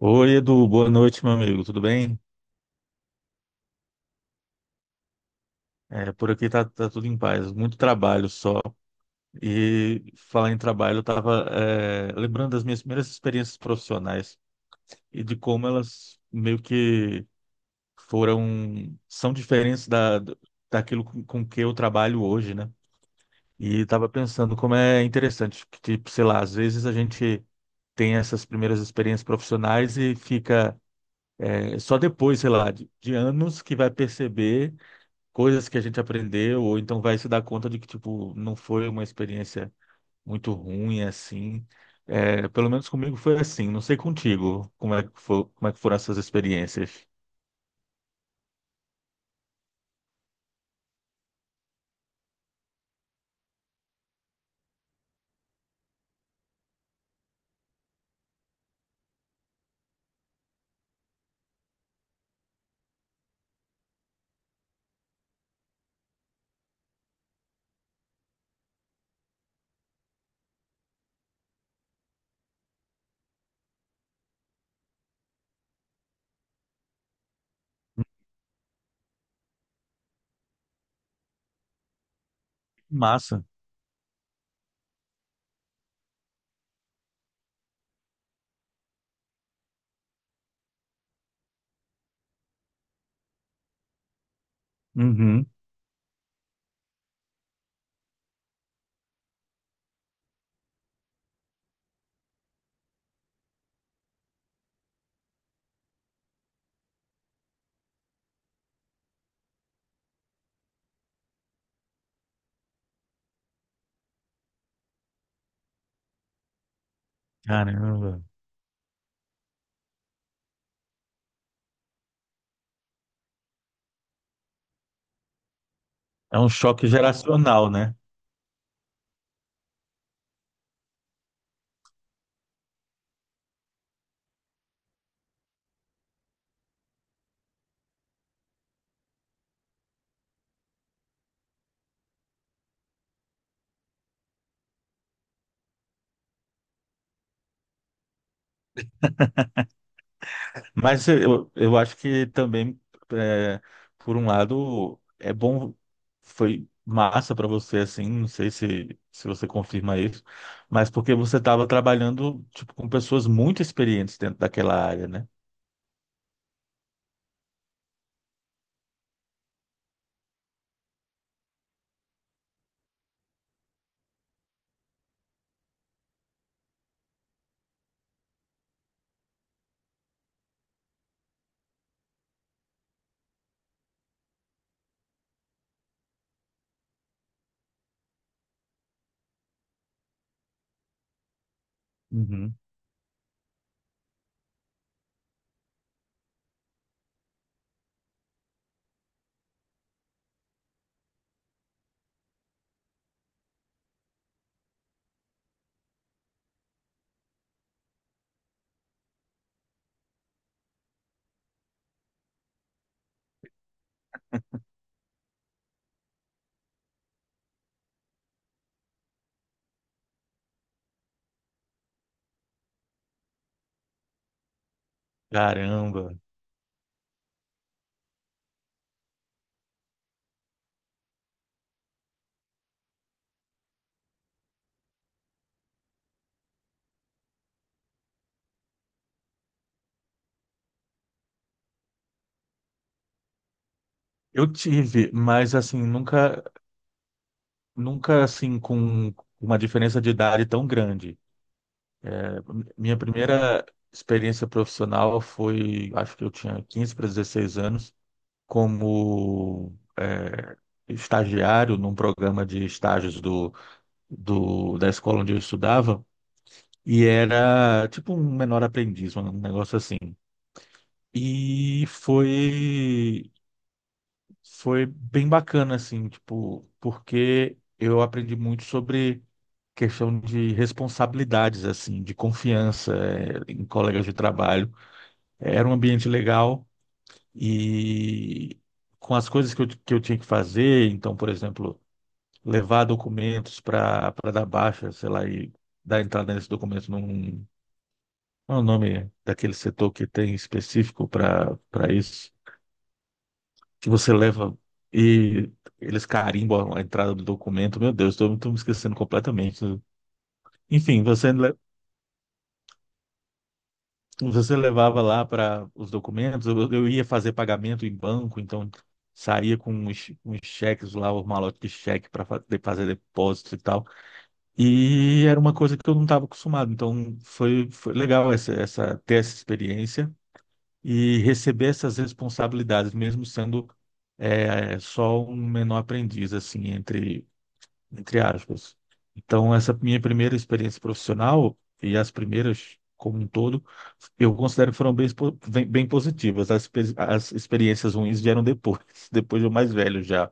Oi, Edu, boa noite, meu amigo. Tudo bem? É, por aqui tá tudo em paz, muito trabalho só. E falar em trabalho, eu tava, lembrando das minhas primeiras experiências profissionais e de como elas meio que foram, são diferentes daquilo com que eu trabalho hoje, né? E tava pensando como é interessante que, tipo, sei lá, às vezes a gente tem essas primeiras experiências profissionais e fica, só depois, sei lá, de anos que vai perceber coisas que a gente aprendeu, ou então vai se dar conta de que, tipo, não foi uma experiência muito ruim, assim. É, pelo menos comigo foi assim. Não sei contigo como é que foi, como é que foram essas experiências. Massa. Uhum. Caramba. É um choque geracional, né? Mas eu acho que também, é, por um lado, é bom, foi massa para você, assim, não sei se você confirma isso, mas porque você estava trabalhando, tipo, com pessoas muito experientes dentro daquela área, né? Uhum. Caramba! Eu tive, mas, assim, nunca, assim, com uma diferença de idade tão grande. É, minha primeira experiência profissional foi, acho que eu tinha 15 para 16 anos, como é, estagiário num programa de estágios da escola onde eu estudava, e era tipo um menor aprendiz, um negócio assim. E foi bem bacana, assim, tipo, porque eu aprendi muito sobre questão de responsabilidades, assim, de confiança, em colegas de trabalho. Era um ambiente legal e com as coisas que que eu tinha que fazer, então, por exemplo, levar documentos para dar baixa, sei lá, e dar entrada nesse documento num. Qual é o nome daquele setor que tem específico para isso? Que você leva e eles carimbam a entrada do documento. Meu Deus, estou me esquecendo completamente. Enfim, você levava lá para os documentos, eu ia fazer pagamento em banco, então saía com uns cheques lá, o malote de cheque para fazer depósito e tal. E era uma coisa que eu não estava acostumado. Então foi legal ter essa experiência e receber essas responsabilidades, mesmo sendo só um menor aprendiz, assim, entre aspas. Então, essa minha primeira experiência profissional e as primeiras como um todo, eu considero que foram bem positivas. As experiências ruins vieram depois, depois de eu mais velho já.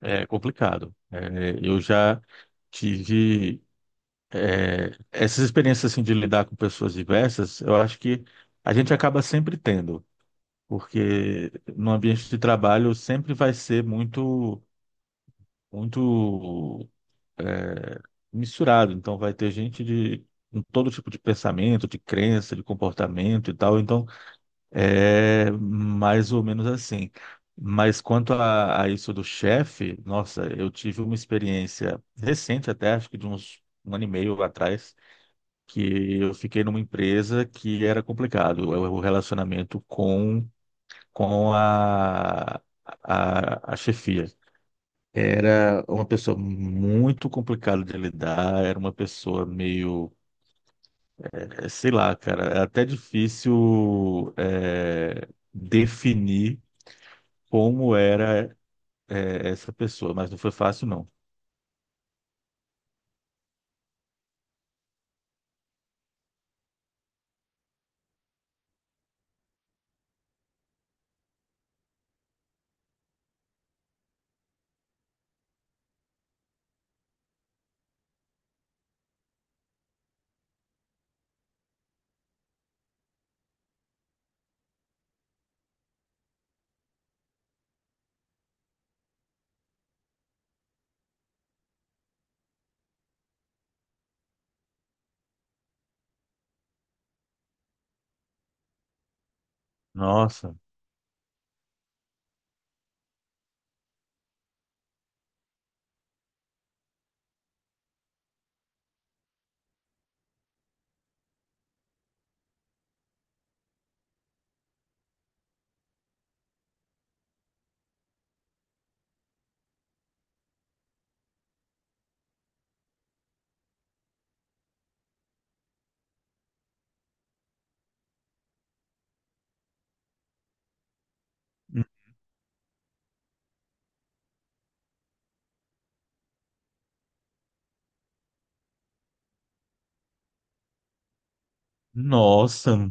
É complicado. É, eu já tive. É, essas experiências assim de lidar com pessoas diversas, eu acho que a gente acaba sempre tendo, porque no ambiente de trabalho sempre vai ser muito muito, é, misturado, então vai ter gente de com todo tipo de pensamento, de crença, de comportamento e tal, então é mais ou menos assim. Mas quanto a isso do chefe, nossa, eu tive uma experiência recente até, acho que de uns um ano e meio atrás que eu fiquei numa empresa que era complicado, o relacionamento com a chefia. Era uma pessoa muito complicada de lidar, era uma pessoa meio, sei lá, cara, era até difícil definir como era, essa pessoa, mas não foi fácil, não. Nossa, n- nossa.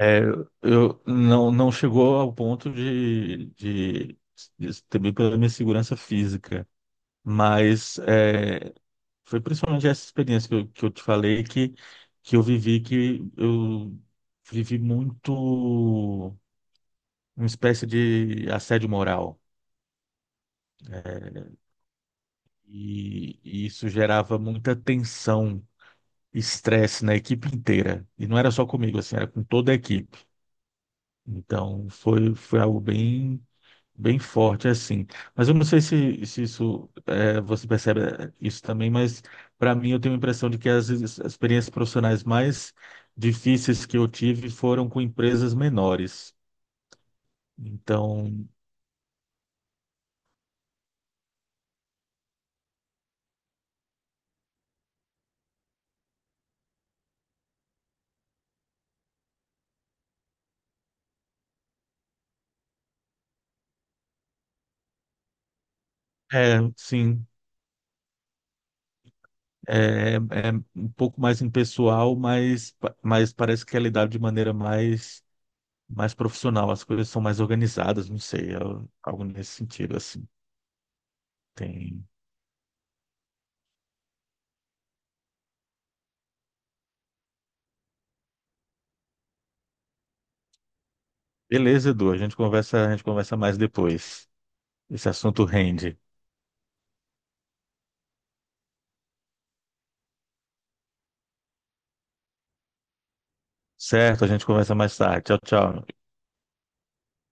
É, eu não, não chegou ao ponto de, também pela minha segurança física, mas foi principalmente essa experiência que que eu te falei, que eu vivi, que eu vivi muito uma espécie de assédio moral. É, e isso gerava muita tensão, estresse na equipe inteira. E não era só comigo, assim, era com toda a equipe. Então foi algo bem forte, assim. Mas eu não sei se isso você percebe, isso também, mas para mim eu tenho a impressão de que as experiências profissionais mais difíceis que eu tive foram com empresas menores. Então, é, sim, é um pouco mais impessoal, mas, mas parece que é lidado de maneira mais profissional. As coisas são mais organizadas, não sei, é algo nesse sentido, assim. Tem... Beleza, Edu, a gente conversa mais depois. Esse assunto rende. Certo, a gente conversa mais tarde. Tchau, tchau.